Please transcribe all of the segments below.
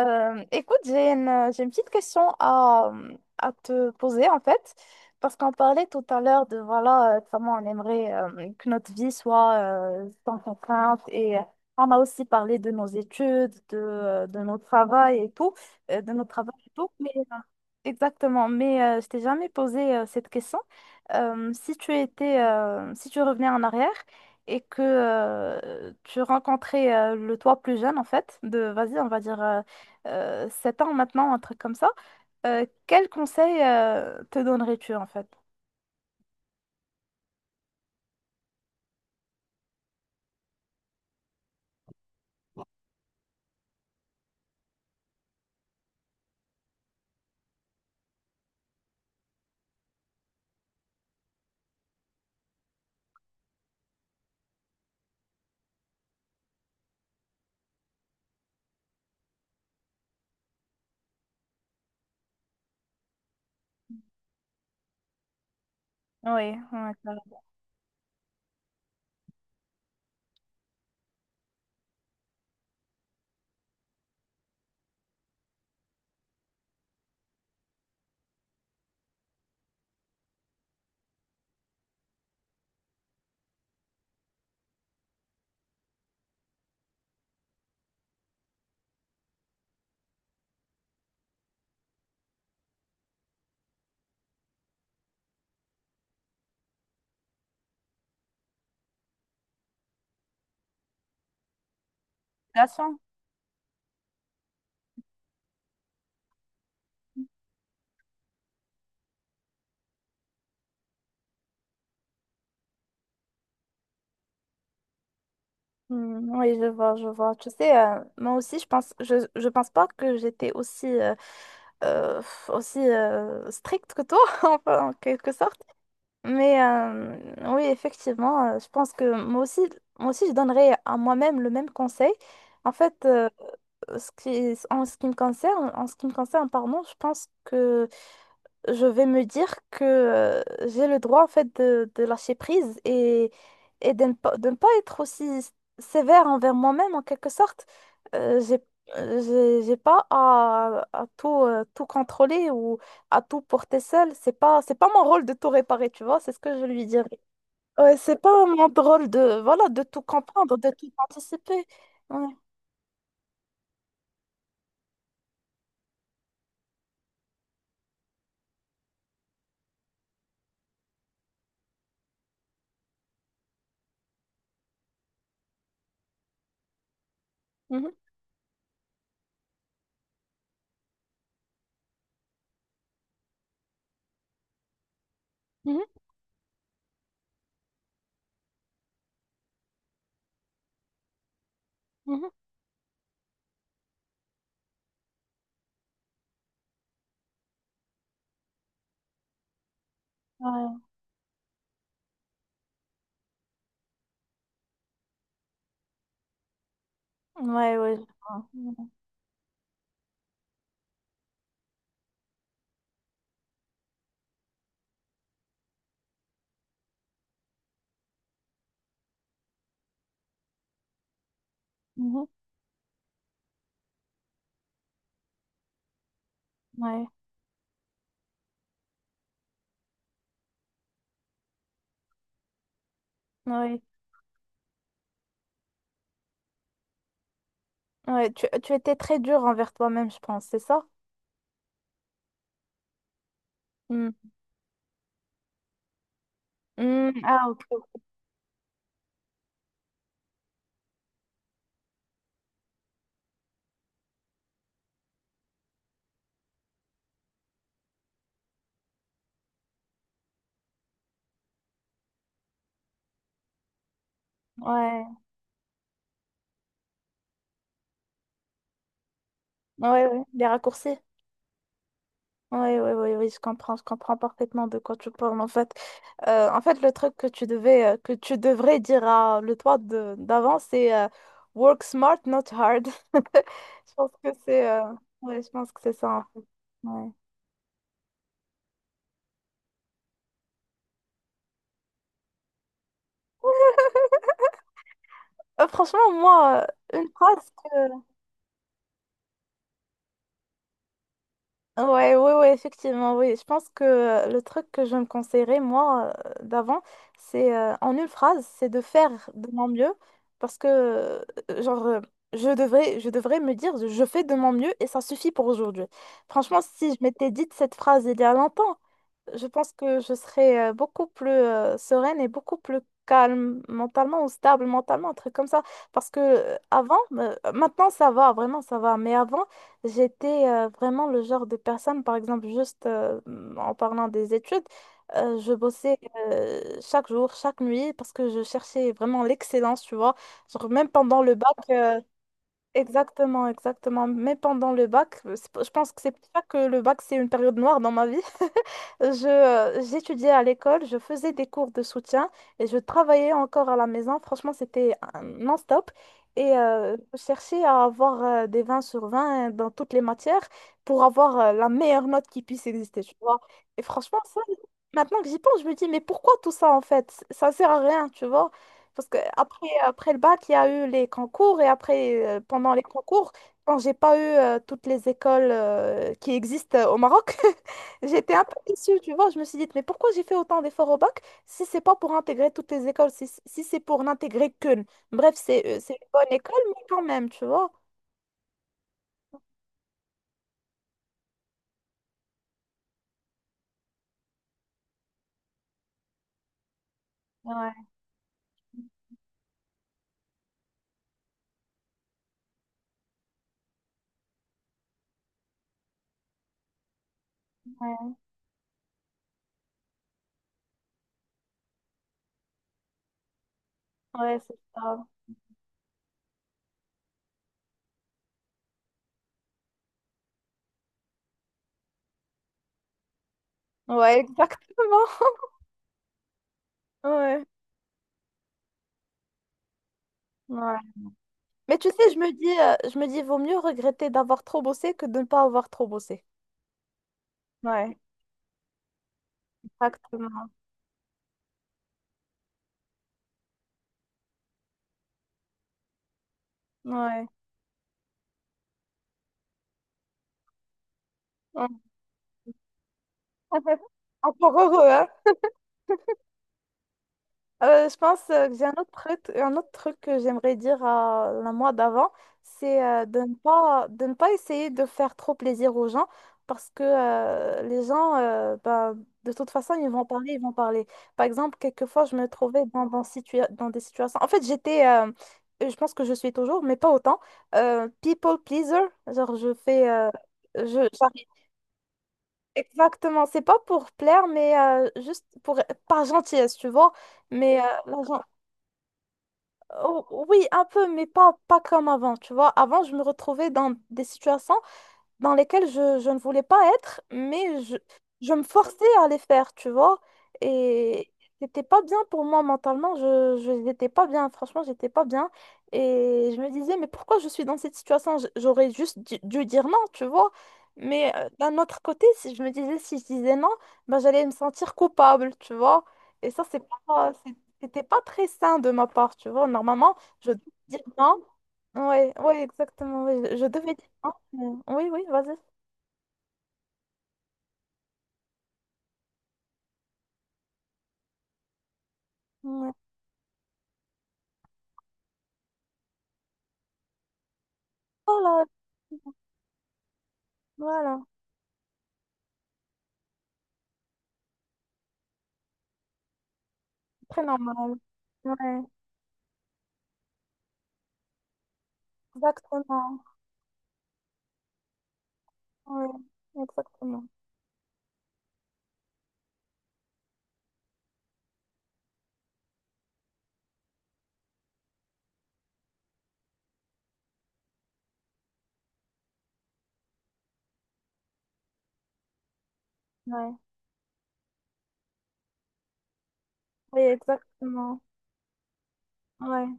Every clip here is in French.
Écoute, j'ai une petite question à te poser en fait, parce qu'on parlait tout à l'heure de voilà, comment on aimerait, que notre vie soit, sans contrainte et on a aussi parlé de nos études, de notre travail et tout, de notre travail et tout. Exactement, mais je t'ai jamais posé, cette question. Si tu revenais en arrière et que tu rencontrais, le toi plus jeune, en fait, de, vas-y, on va dire, 7 ans maintenant, un truc comme ça, quel conseil, te donnerais-tu en fait? Oui, ouais, la relation. Hmm, oui, je vois, je vois. Tu sais, moi aussi, je pense, je pense pas que j'étais aussi, euh, stricte que toi, enfin, en quelque sorte. Mais oui, effectivement, je pense que moi aussi, je donnerais à moi-même le même conseil. En fait, en ce qui me concerne, en ce qui me concerne, pardon, je pense que je vais me dire que, j'ai le droit en fait de lâcher prise et de ne pas être aussi sévère envers moi-même en quelque sorte. Euh, j'ai, euh, j'ai pas à tout, tout contrôler ou à tout porter seul. C'est pas mon rôle de tout réparer, tu vois, c'est ce que je lui dirais. Ouais, c'est pas mon rôle de, voilà, de tout comprendre, de tout anticiper. Ouais. Mhm, mhm, mhm. Ouais, ouais, ouais, je vois. Mhm, mhm, ouais, ouais. Ouais, tu étais très dur envers toi-même, je pense, c'est ça? Hmm. Hmm, ah, ok. Ouais, ouais, ouais. Les raccourcis. Ouais, ouais, ouais, oui, je comprends parfaitement de quoi tu parles, en fait. En fait, le truc que tu devrais dire à le toi d'avant, c'est work smart, not hard. Je pense que c'est, ouais, je pense que c'est ça, en fait. Ouais. Franchement, moi, une phrase. Ouais, ouais, ouais, effectivement, oui. Je pense que, le truc que je me conseillerais, moi, d'avant, c'est, en une phrase, c'est de faire de mon mieux parce que, genre, je devrais me dire, je fais de mon mieux et ça suffit pour aujourd'hui. Franchement, si je m'étais dit cette phrase il y a longtemps, je pense que je serais, beaucoup plus, sereine, et beaucoup plus calme mentalement ou stable mentalement, un truc comme ça. Parce que, avant, maintenant ça va, vraiment ça va, mais avant, j'étais, vraiment le genre de personne, par exemple, juste, en parlant des études, je bossais, chaque jour, chaque nuit, parce que je cherchais vraiment l'excellence, tu vois. Genre, même pendant le bac, exactement, exactement, même pendant le bac, je pense que c'est pour ça que le bac, c'est une période noire dans ma vie. J'étudiais à l'école, je faisais des cours de soutien et je travaillais encore à la maison. Franchement, c'était un non-stop. Et je cherchais à avoir, des 20/20 dans toutes les matières pour avoir, la meilleure note qui puisse exister, tu vois. Et franchement, ça, maintenant que j'y pense, je me dis, mais pourquoi tout ça en fait? Ça sert à rien, tu vois. Parce que après, après le bac, il y a eu les concours et après, pendant les concours, quand j'ai pas eu, toutes les écoles, qui existent, au Maroc. J'étais un peu déçue, tu vois. Je me suis dit, mais pourquoi j'ai fait autant d'efforts au bac si c'est pas pour intégrer toutes les écoles, si c'est pour n'intégrer qu'une. Bref, c'est une bonne école, mais quand même, tu vois. Ouais, ouais, c'est ça. Ouais, exactement. Ouais, ouais. Mais tu sais, je me dis, vaut mieux regretter d'avoir trop bossé que de ne pas avoir trop bossé. Ouais, exactement. Ouais. Ouais. Encore heureux, hein? Je pense, que j'ai un autre truc que j'aimerais dire à la moi d'avant, c'est, de ne pas essayer de faire trop plaisir aux gens parce que, les gens, bah, de toute façon, ils vont parler, ils vont parler. Par exemple, quelquefois, je me trouvais dans des situations. En fait, j'étais, je pense que je suis toujours, mais pas autant, people pleaser. Genre, je fais. Je, j'arrive- Exactement, c'est pas pour plaire, mais, juste pour, par gentillesse, tu vois. Mais là, oh, oui, un peu, mais pas comme avant, tu vois. Avant, je me retrouvais dans des situations, dans lesquelles je ne voulais pas être, mais je me forçais à les faire, tu vois. Et c'était pas bien pour moi mentalement, je n'étais pas bien, franchement, j'étais pas bien. Et je me disais, mais pourquoi je suis dans cette situation? J'aurais juste dû dire non, tu vois. Mais d'un autre côté, si je disais non, ben, j'allais me sentir coupable, tu vois. Et ça, pas, c'est- c'était pas très sain de ma part, tu vois. Normalement, je dois dire non. Oui, ouais, ouais, exactement. Ouais, je devais dire non. Oui, oui, vas-y. Ouais. Oh là, voilà, très normal. Ouais, exactement. Ouais, exactement. Ouais, oui, exactement. Ouais.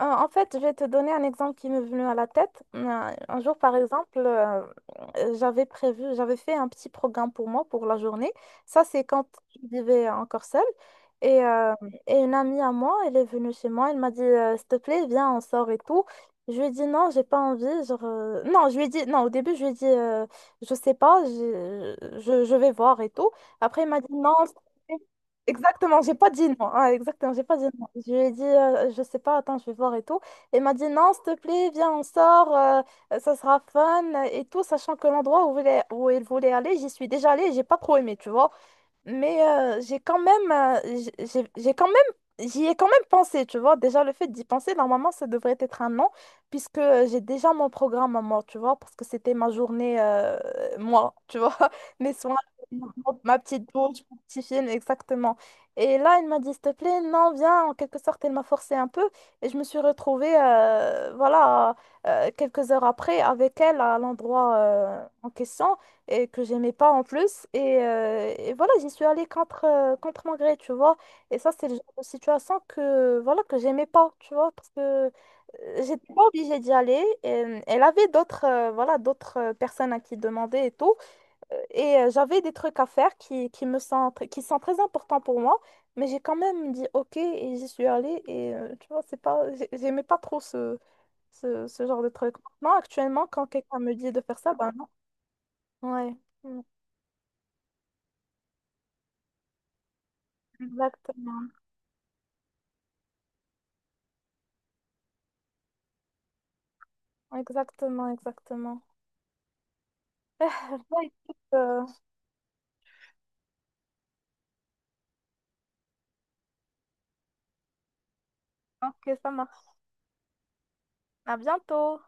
En fait, je vais te donner un exemple qui m'est venu à la tête. Un jour, par exemple, j'avais fait un petit programme pour moi pour la journée. Ça, c'est quand je vivais encore seule. Et, euh, et une amie à moi, elle est venue chez moi, elle m'a dit, s'il te plaît, viens, on sort et tout. Je lui ai dit non, j'ai pas envie. Non, je lui ai dit non, au début, je lui ai dit, je sais pas, je vais voir et tout. Après, il m'a dit non. S'il te plaît. Exactement, j'ai pas dit non. Ah, exactement, j'ai pas dit je lui ai dit, je sais pas, attends, je vais voir et tout. Elle m'a dit, non, s'il te plaît, viens, on sort, ça sera fun et tout, sachant que l'endroit elle voulait où elle voulait aller, j'y suis déjà allée, et j'ai pas trop aimé, tu vois. Mais j'ai quand même, j'y ai quand même pensé, tu vois. Déjà, le fait d'y penser, normalement, ça devrait être un non, puisque j'ai déjà mon programme à moi, tu vois, parce que c'était ma journée, moi, tu vois, mes soins, ma petite douche, mon petit film, exactement. Et là, elle m'a dit, s'il te plaît, non, viens, en quelque sorte, elle m'a forcé un peu, et je me suis retrouvée, voilà, quelques heures après, avec elle à l'endroit, en question et que j'aimais pas en plus. Et voilà, j'y suis allée contre mon gré, tu vois. Et ça, c'est le genre de situation que, voilà, que j'aimais pas, tu vois, parce que, j'étais pas obligée d'y aller. Elle avait d'autres, voilà, d'autres, personnes à qui demander et tout. J'avais des trucs à faire qui me sont, qui sont très importants pour moi. Mais j'ai quand même dit OK et j'y suis allée. Et tu vois, c'est pas, j'ai- j'aimais pas trop ce genre de truc. Non, actuellement, quand quelqu'un me dit de faire ça, ben non. Ouais. Mm. Exactement, exactement, exactement. Bon, écoute, ok, ça marche. À bientôt.